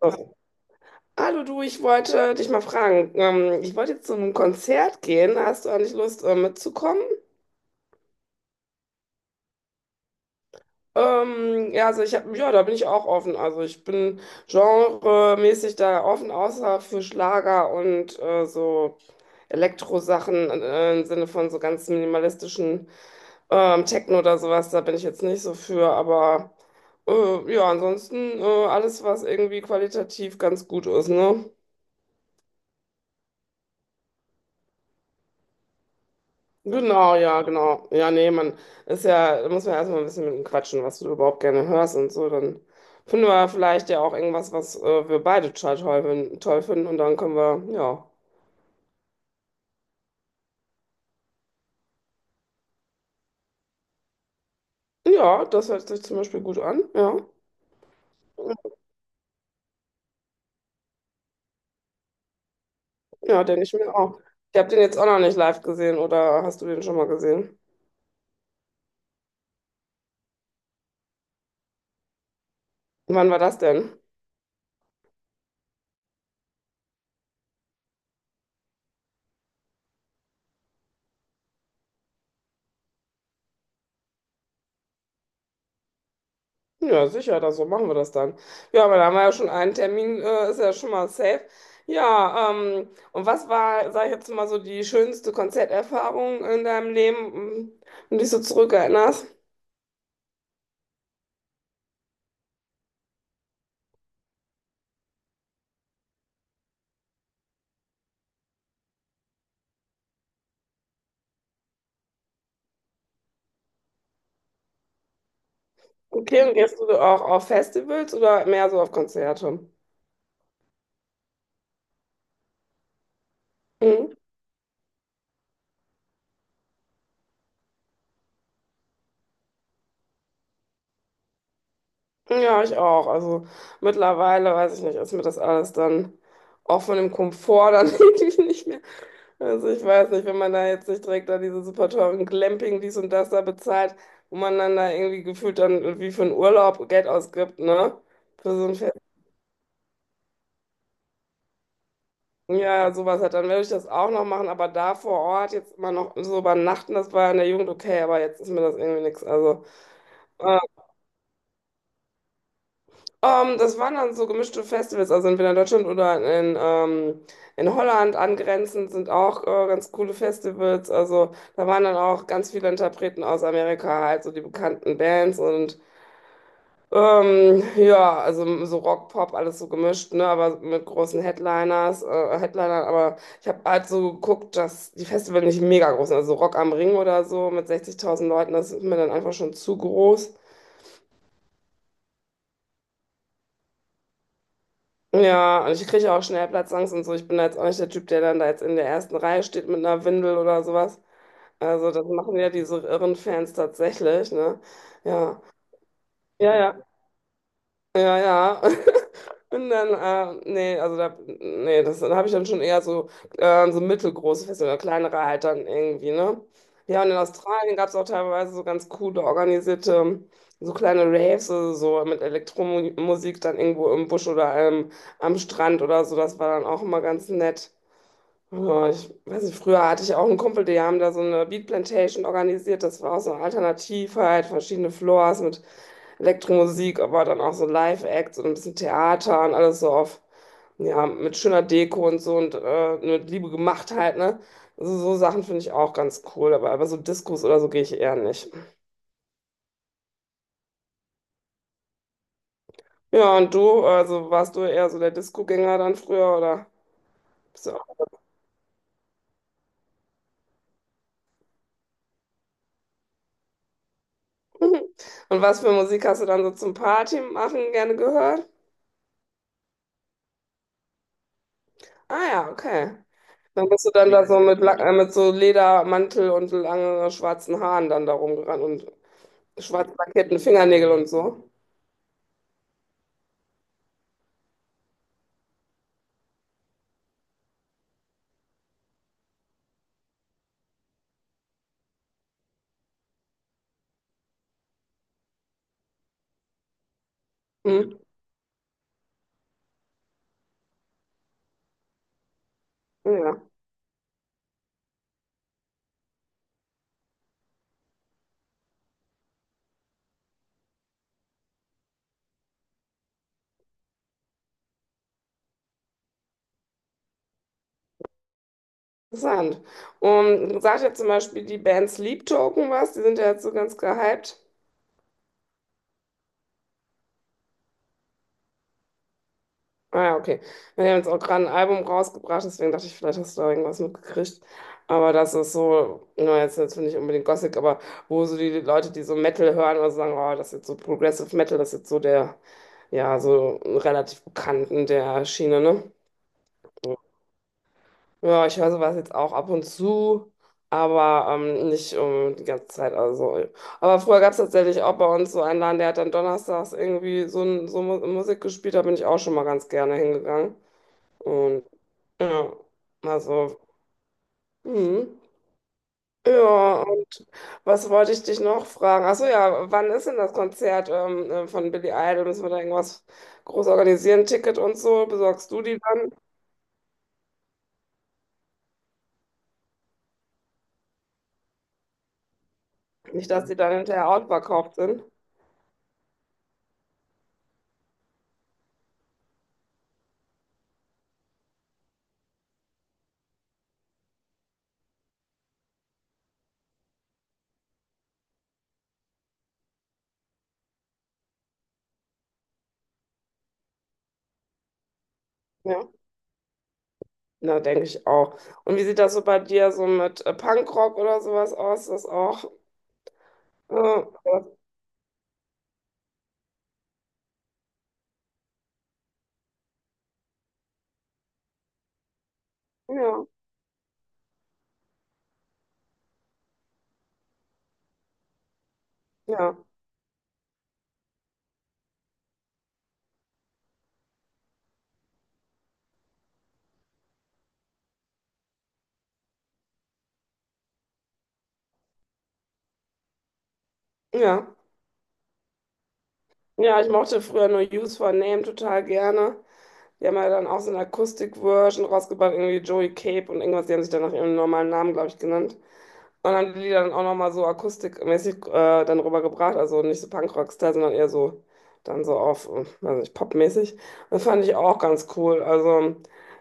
Oh, hallo du, ich wollte dich mal fragen. Ich wollte jetzt zu einem Konzert gehen. Hast du eigentlich Lust, mitzukommen? Ja, also ich habe, ja, da bin ich auch offen. Also ich bin genremäßig da offen, außer für Schlager und so Elektrosachen im Sinne von so ganz minimalistischen Techno oder sowas. Da bin ich jetzt nicht so für. Aber ja, ansonsten alles, was irgendwie qualitativ ganz gut ist, ne? Genau, ja, genau. Ja, nee, man ist ja, da muss man erstmal ein bisschen mit ihm quatschen, was du überhaupt gerne hörst und so. Dann finden wir vielleicht ja auch irgendwas, was wir beide total toll, toll finden und dann können wir, ja. Ja, das hört sich zum Beispiel gut an, ja. Ja, denke ich mir auch. Ich habe den jetzt auch noch nicht live gesehen oder hast du den schon mal gesehen? Wann war das denn? Ja, sicher, das, so machen wir das dann. Ja, aber da haben wir ja schon einen Termin, ist ja schon mal safe. Ja, und was war, sag ich jetzt mal so, die schönste Konzerterfahrung in deinem Leben, an die du dich so zurückerinnerst? Okay, und gehst du auch auf Festivals oder mehr so auf Konzerte? Mhm. Ja, ich auch. Also mittlerweile, weiß ich nicht, ist mir das alles dann auch von dem Komfort dann irgendwie nicht mehr. Also ich weiß nicht, wenn man da jetzt nicht direkt da diese super teuren Glamping, dies und das da bezahlt, wo man dann da irgendwie gefühlt dann wie für einen Urlaub Geld ausgibt, ne? Für so ein Fest. Ja, sowas halt, dann werde ich das auch noch machen, aber da vor Ort jetzt immer noch so übernachten, das war in der Jugend okay, aber jetzt ist mir das irgendwie nichts. Also. Das waren dann so gemischte Festivals, also entweder in Deutschland oder in Holland angrenzend sind auch ganz coole Festivals. Also da waren dann auch ganz viele Interpreten aus Amerika, halt so die bekannten Bands und ja, also so Rock, Pop, alles so gemischt, ne, aber mit großen Headliners, Headlinern. Aber ich habe halt so geguckt, dass die Festivals nicht mega groß sind. Also Rock am Ring oder so mit 60.000 Leuten, das ist mir dann einfach schon zu groß. Ja, und ich kriege auch schnell Platzangst und so. Ich bin da jetzt auch nicht der Typ, der dann da jetzt in der ersten Reihe steht mit einer Windel oder sowas. Also das machen ja diese irren Fans tatsächlich, ne? Ja. Ja, ja. Ja, ja. Und dann, nee, also da, nee, das, da habe ich dann schon eher so, so mittelgroße Feste oder kleinere halt dann irgendwie, ne? Ja, und in Australien gab es auch teilweise so ganz coole, organisierte, so kleine Raves, also so mit Elektromusik dann irgendwo im Busch oder am Strand oder so. Das war dann auch immer ganz nett. Ja, ich weiß nicht, früher hatte ich auch einen Kumpel, die haben da so eine Beat Plantation organisiert. Das war auch so eine Alternative, halt verschiedene Floors mit Elektromusik, aber dann auch so Live-Acts und ein bisschen Theater und alles so auf, ja, mit schöner Deko und so und mit Liebe gemacht halt, ne? Also so Sachen finde ich auch ganz cool, aber so Diskos oder so gehe ich eher nicht. Ja, und du, also warst du eher so der Disco-Gänger dann früher oder bist du auch? Und was für Musik hast du dann so zum Party machen gerne gehört? Ah ja, okay. Dann bist du dann da so mit, mit so Ledermantel und langen schwarzen Haaren dann da rumgerannt und schwarz lackierten Fingernägel und so. Hm? Ja, ja. Interessant. Und sagt ja zum Beispiel die Band Sleep Token was, die sind ja jetzt so ganz gehypt. Ah ja, okay. Wir haben jetzt auch gerade ein Album rausgebracht, deswegen dachte ich, vielleicht hast du da irgendwas mitgekriegt. Aber das ist so, na, jetzt natürlich nicht so unbedingt Gothic, aber wo so die Leute, die so Metal hören oder so sagen, oh, das ist jetzt so Progressive Metal, das ist jetzt so der, ja, so relativ bekannten der Schiene, ne? Ja, ich höre sowas jetzt auch ab und zu, aber nicht die ganze Zeit. Also. Aber früher gab es tatsächlich auch bei uns so einen Laden, der hat dann donnerstags irgendwie so, ein, so Musik gespielt, da bin ich auch schon mal ganz gerne hingegangen. Und ja, also, hm. Ja, und was wollte ich dich noch fragen? Achso, ja, wann ist denn das Konzert von Billy Idol? Müssen wir da irgendwas groß organisieren? Ticket und so? Besorgst du die dann? Nicht, dass die dann hinterher outverkauft sind. Ja, na, denke ich auch. Und wie sieht das so bei dir so mit Punkrock oder sowas aus? Ist das auch? Ja, ja, ja, ja. Ja, ich mochte früher nur Use for Name total gerne. Die haben ja dann auch so eine Akustik-Version rausgebracht, irgendwie Joey Cape und irgendwas. Die haben sich dann nach ihrem normalen Namen, glaube ich, genannt. Und haben die Lieder dann auch nochmal so akustikmäßig dann rübergebracht. Also nicht so Punkrock-Style, sondern eher so dann so auf, weiß nicht, popmäßig. Das fand ich auch ganz cool. Also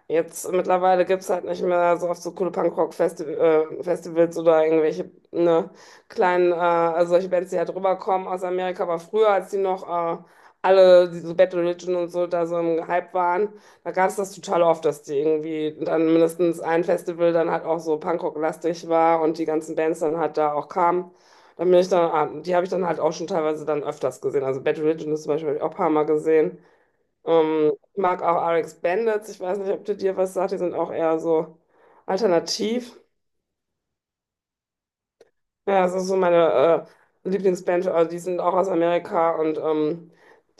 jetzt mittlerweile gibt es halt nicht mehr so oft so coole Punkrock-Festivals Festivals oder irgendwelche ne, kleinen, also solche Bands, die halt rüberkommen aus Amerika. Aber früher, als die noch alle diese Battle Religion und so da so im Hype waren, da gab es das total oft, dass die irgendwie dann mindestens ein Festival dann halt auch so Punkrock-lastig war und die ganzen Bands dann halt da auch kamen. Dann bin ich dann, die habe ich dann halt auch schon teilweise dann öfters gesehen. Also Battle Religion ist zum Beispiel hab ich auch ein paar Mal gesehen. Ich mag auch RX Bandits, ich weiß nicht, ob die dir was sagt, die sind auch eher so alternativ. Ja, das ist so meine Lieblingsband, die sind auch aus Amerika und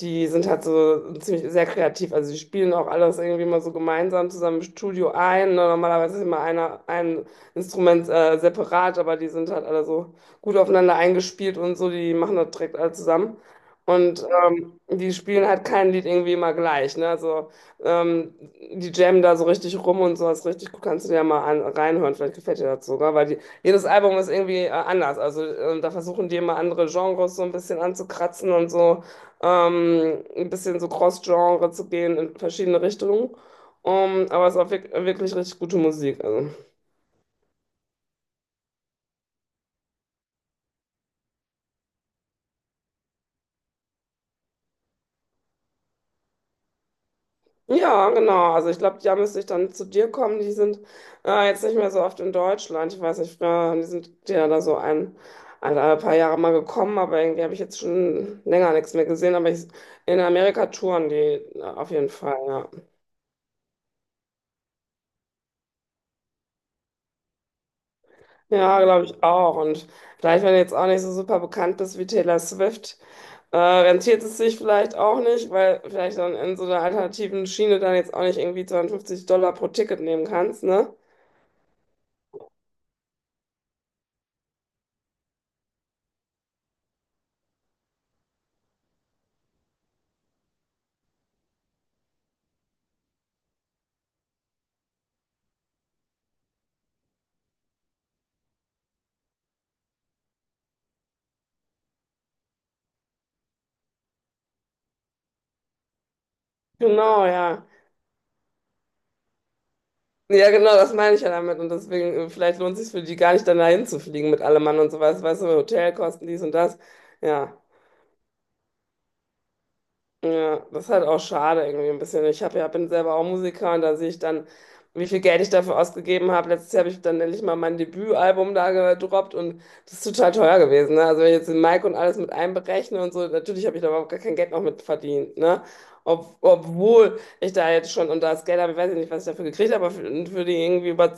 die sind halt so ziemlich sehr kreativ. Also die spielen auch alles irgendwie mal so gemeinsam zusammen im Studio ein. Ne? Normalerweise ist immer einer, ein Instrument separat, aber die sind halt alle so gut aufeinander eingespielt und so, die machen das direkt alle zusammen. Und die spielen halt kein Lied irgendwie immer gleich. Ne? Also ähm, die jammen da so richtig rum und sowas richtig gut. Kannst du dir ja mal an, reinhören, vielleicht gefällt dir das sogar, weil die jedes Album ist irgendwie anders. Also da versuchen die immer andere Genres so ein bisschen anzukratzen und so ein bisschen so Cross-Genre zu gehen in verschiedene Richtungen. Aber es war wirklich richtig gute Musik. Also. Ja, genau. Also ich glaube, ja, müsste ich dann zu dir kommen. Die sind jetzt nicht mehr so oft in Deutschland. Ich weiß nicht, früher haben die sind ja da so ein paar Jahre mal gekommen, aber irgendwie habe ich jetzt schon länger nichts mehr gesehen. Aber ich, in Amerika touren die auf jeden Fall, ja. Ja, glaube ich auch. Und vielleicht, wenn du jetzt auch nicht so super bekannt bist wie Taylor Swift, rentiert es sich vielleicht auch nicht, weil vielleicht dann in so einer alternativen Schiene dann jetzt auch nicht irgendwie $52 pro Ticket nehmen kannst, ne? Genau, ja. Ja, genau, das meine ich ja damit. Und deswegen, vielleicht lohnt es sich für die gar nicht, dann dahin zu fliegen mit allem Mann und so was, weißt du, Hotelkosten, dies und das. Ja. Ja, das ist halt auch schade irgendwie ein bisschen. Ich hab, ja, bin selber auch Musiker und da sehe ich dann, wie viel Geld ich dafür ausgegeben habe. Letztes Jahr habe ich dann endlich mal mein Debütalbum da gedroppt und das ist total teuer gewesen. Ne? Also wenn ich jetzt den Mic und alles mit einberechne und so, natürlich habe ich da überhaupt gar kein Geld noch mit verdient. Ne? Obwohl ich da jetzt schon, und das Geld habe, ich weiß nicht, was ich dafür gekriegt habe, aber für die irgendwie über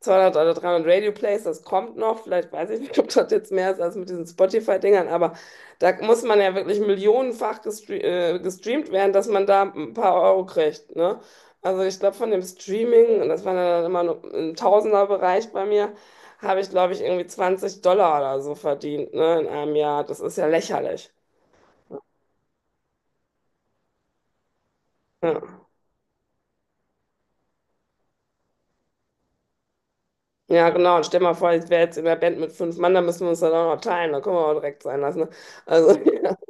200 oder 300 Radio-Plays, das kommt noch. Vielleicht weiß ich nicht, ob das jetzt mehr ist als mit diesen Spotify-Dingern, aber da muss man ja wirklich millionenfach gestreamt werden, dass man da ein paar Euro kriegt, ne? Also ich glaube, von dem Streaming, und das war dann halt immer nur im Tausenderbereich bei mir, habe ich, glaube ich, irgendwie $20 oder so verdient, ne, in einem Jahr. Das ist ja lächerlich. Ja, ja genau. Und stell mal vor, ich wäre jetzt in der Band mit fünf Mann, da müssen wir uns dann auch noch teilen. Da können wir auch direkt sein lassen. Ne? Also,